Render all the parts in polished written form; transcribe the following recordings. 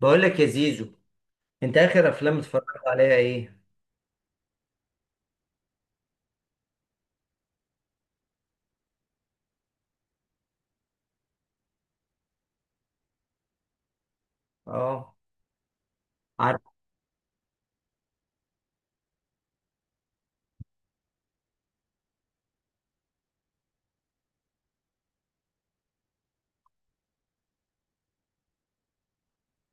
بقول لك يا زيزو، انت اخر افلام اتفرجت عليها ايه؟ اه، عارف.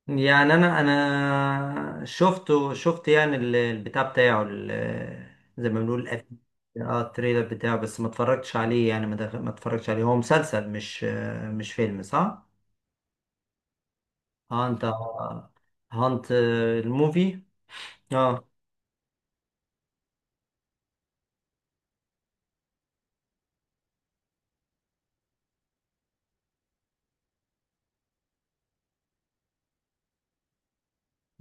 يعني انا شفت، يعني البتاع بتاعه زي ما بنقول اه، التريلر بتاعه، بس ما اتفرجتش عليه. يعني ما اتفرجتش عليه. هو مسلسل، مش فيلم، صح؟ اه، انت، هانت الموفي. اه،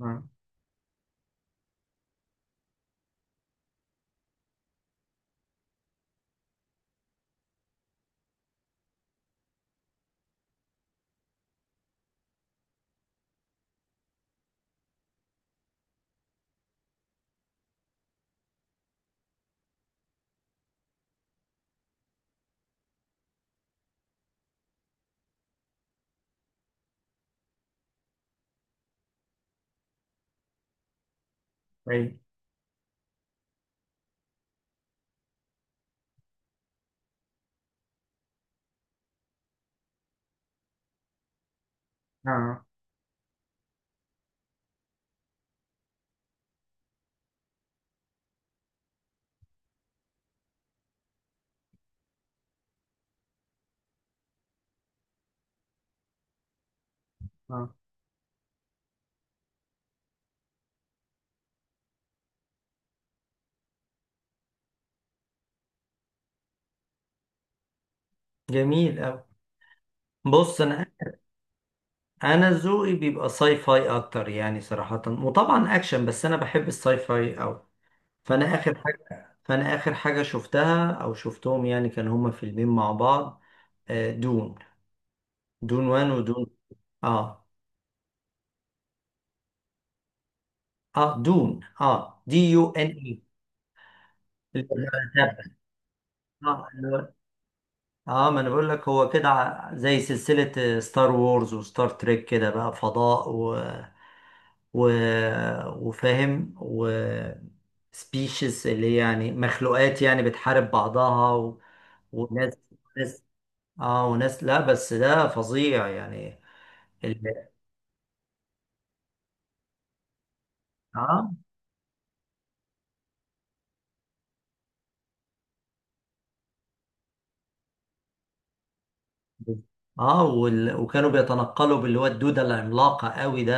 اه، اي، اه، اه، اه. جميل أوي. بص، انا ذوقي بيبقى ساي فاي اكتر، يعني صراحة، وطبعا اكشن، بس انا بحب الساي فاي اوي. فانا اخر حاجة شفتها او شفتهم، يعني كان هما فيلمين مع بعض. دون، دون وان، ودون. اه اه، دون. اه، DUNE، اللي هو الدبة. اه، ما انا بقول لك، هو كده زي سلسلة ستار وورز وستار تريك، كده بقى فضاء، و... وفاهم، و species، اللي هي يعني مخلوقات يعني بتحارب بعضها، و... وناس، ناس، اه، وناس. لا، بس ده فظيع يعني. ال... اه اه وال... وكانوا بيتنقلوا باللي هو الدودة العملاقة قوي ده،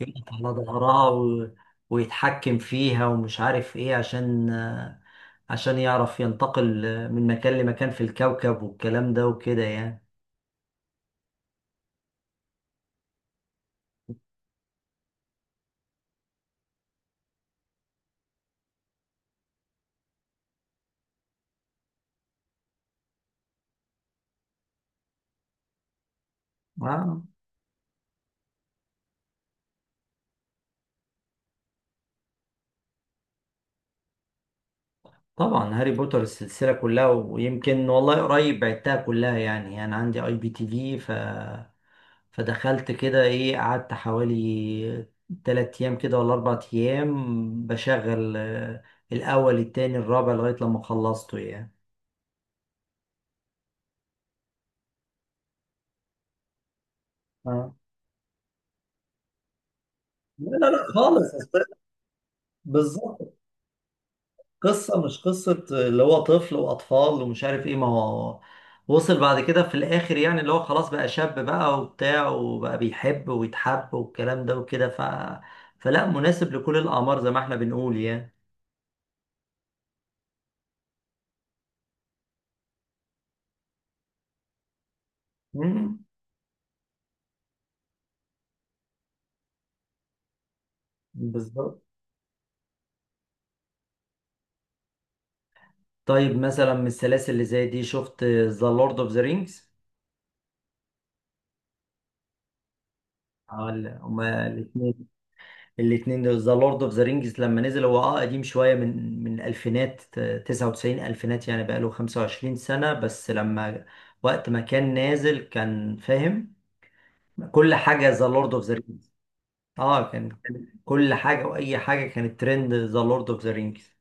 يقف على ظهرها و... ويتحكم فيها، ومش عارف ايه، عشان يعرف ينتقل من مكان لمكان في الكوكب، والكلام ده وكده يعني. آه. طبعا، هاري بوتر السلسلة كلها، ويمكن والله قريب بعتها كلها. يعني أنا عندي IPTV، فدخلت كده إيه، قعدت حوالي 3 أيام كده، ولا 4 أيام بشغل، الأول، التاني، الرابع، لغاية لما خلصته يعني. اه، لا لا لا، خالص. بالظبط. قصة، مش قصة اللي هو طفل وأطفال، ومش عارف إيه. ما هو وصل بعد كده في الآخر، يعني اللي هو خلاص بقى شاب بقى وبتاع، وبقى بيحب ويتحب والكلام ده وكده، فلا، مناسب لكل الأعمار، زي ما إحنا بنقول يعني. مم، بالظبط. طيب مثلا من السلاسل اللي زي دي، شفت ذا لورد أوف ذا رينجز؟ هما الاتنين دول. ذا لورد اوف ذا رينجز لما نزل، هو اه قديم شوية، من الألفينات، 99، ألفينات، يعني بقاله 25 سنة. بس لما وقت ما كان نازل، كان فاهم كل حاجة، ذا لورد اوف ذا رينجز. اه، كان كل حاجة وأي حاجة كانت ترند، ذا لورد اوف ذا رينجز.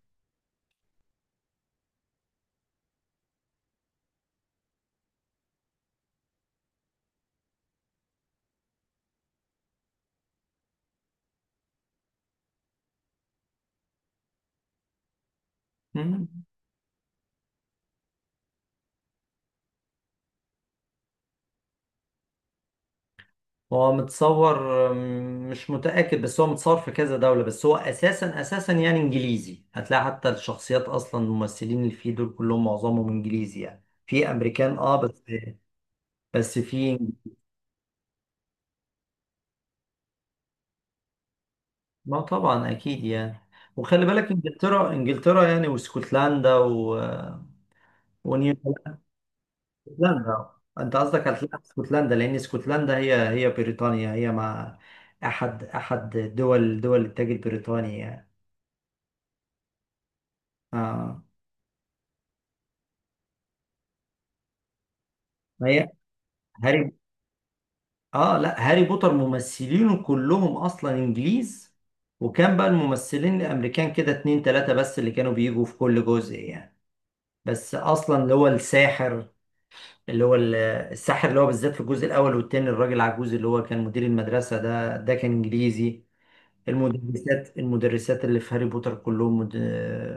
هو متصور. مش متأكد، بس هو متصور في كذا دولة، بس هو أساسا أساسا يعني إنجليزي. هتلاقي حتى الشخصيات، أصلا الممثلين اللي فيه دول كلهم معظمهم إنجليزي، يعني في أمريكان اه، بس. بس في. ما طبعا اكيد يعني. وخلي بالك، انجلترا انجلترا يعني، واسكتلندا، و... ونيو، اسكتلندا. انت قصدك هتلاقي اسكتلندا، لان اسكتلندا هي بريطانيا، هي مع احد دول التاج البريطاني يعني. اه. ما هي هاري. اه، لا، هاري بوتر ممثلينه كلهم اصلا انجليز. وكان بقى الممثلين الامريكان كده اتنين تلاتة بس اللي كانوا بيجوا في كل جزء يعني. بس اصلا اللي هو الساحر، اللي هو الساحر، اللي هو بالذات في الجزء الاول والتاني، الراجل عجوز اللي هو كان مدير المدرسه ده، ده كان انجليزي. المدرسات اللي في هاري بوتر كلهم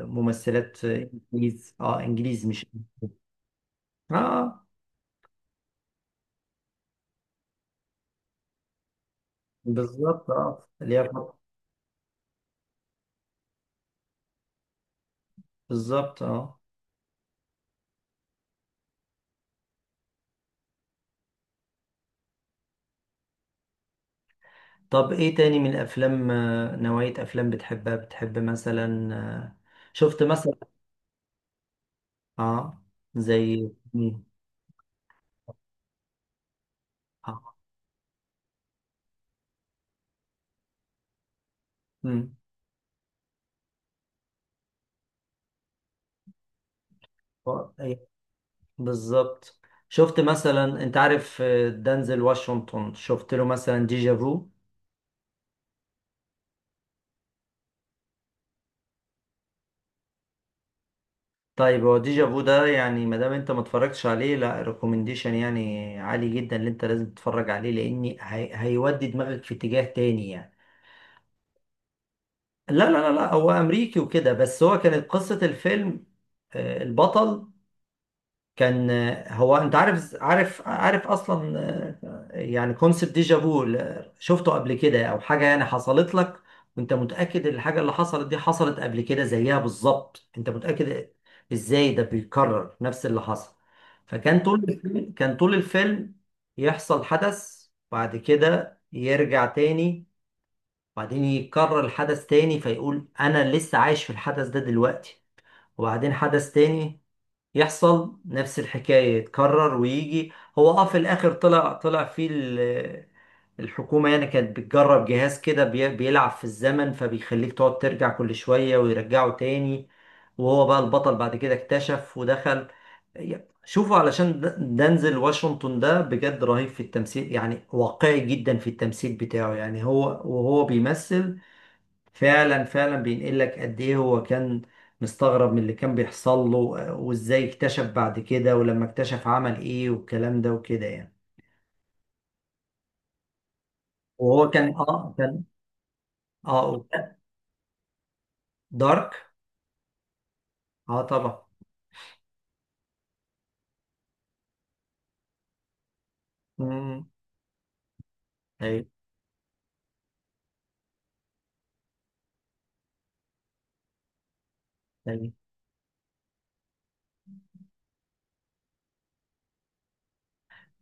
ممثلات انجليز. اه، انجليز، مش. اه، بالظبط. اه، اللي هي. بالظبط. اه. طب ايه تاني من الافلام، نوعيه افلام بتحبها، بتحب مثلا، شفت مثلا. اه. زي مين؟ آه. مم. بالظبط. شفت مثلا، انت عارف، دانزل واشنطن، شفت له مثلا ديجا فو؟ طيب، هو ديجا فو ده، يعني ما دام انت ما اتفرجتش عليه، لا، ريكومنديشن يعني عالي جدا اللي انت لازم تتفرج عليه، لان هيودي دماغك في اتجاه تاني يعني. لا لا لا لا، هو امريكي وكده، بس هو كانت قصة الفيلم، البطل كان. هو انت عارف، اصلا، يعني كونسبت ديجا فو، شفته قبل كده او حاجه يعني حصلت لك، وانت متاكد ان الحاجه اللي حصلت دي حصلت قبل كده زيها بالظبط، انت متاكد ازاي؟ ده بيكرر نفس اللي حصل. فكان طول الفيلم كان طول الفيلم يحصل حدث، بعد كده يرجع تاني، بعدين يكرر الحدث تاني، فيقول انا لسه عايش في الحدث ده دلوقتي، وبعدين حدث تاني يحصل، نفس الحكاية، يتكرر ويجي. هو اه في الآخر، طلع فيه الحكومة يعني كانت بتجرب جهاز كده، بيلعب في الزمن، فبيخليك تقعد ترجع كل شوية ويرجعه تاني. وهو بقى البطل، بعد كده اكتشف ودخل. شوفوا علشان دنزل واشنطن ده بجد رهيب في التمثيل يعني، واقعي جدا في التمثيل بتاعه يعني، هو وهو بيمثل، فعلا فعلا بينقل لك قد ايه هو كان مستغرب من اللي كان بيحصل له، وازاي اكتشف بعد كده، ولما اكتشف عمل ايه، والكلام ده وكده يعني. وهو كان، كان. اه، دارك. اه، طبعا. امم ايوه، ايوه.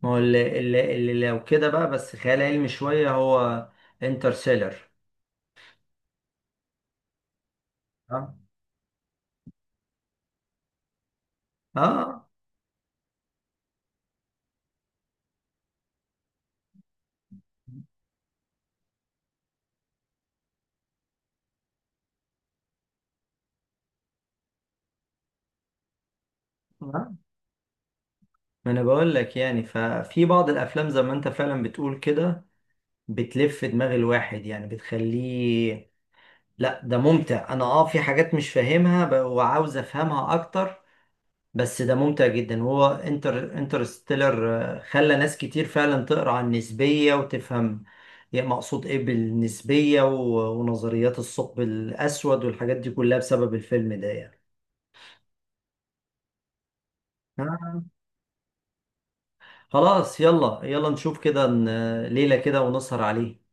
ما هو اللي لو كده بقى، بس خيال علمي شويه، هو انترستيلر. اه، اه، آه. ما انا بقول لك يعني، ففي بعض الافلام زي ما انت فعلا بتقول كده، بتلف دماغ الواحد، يعني بتخليه. لا، ده ممتع. انا في حاجات مش فاهمها، وعاوز افهمها اكتر، بس ده ممتع جدا. وهو انترستيلر، خلى ناس كتير فعلا تقرا عن النسبية، وتفهم يعني مقصود ايه بالنسبية، ونظريات الثقب الاسود والحاجات دي كلها بسبب الفيلم ده يعني. آه. خلاص، يلا يلا نشوف كده، ليلة كده ونسهر عليه.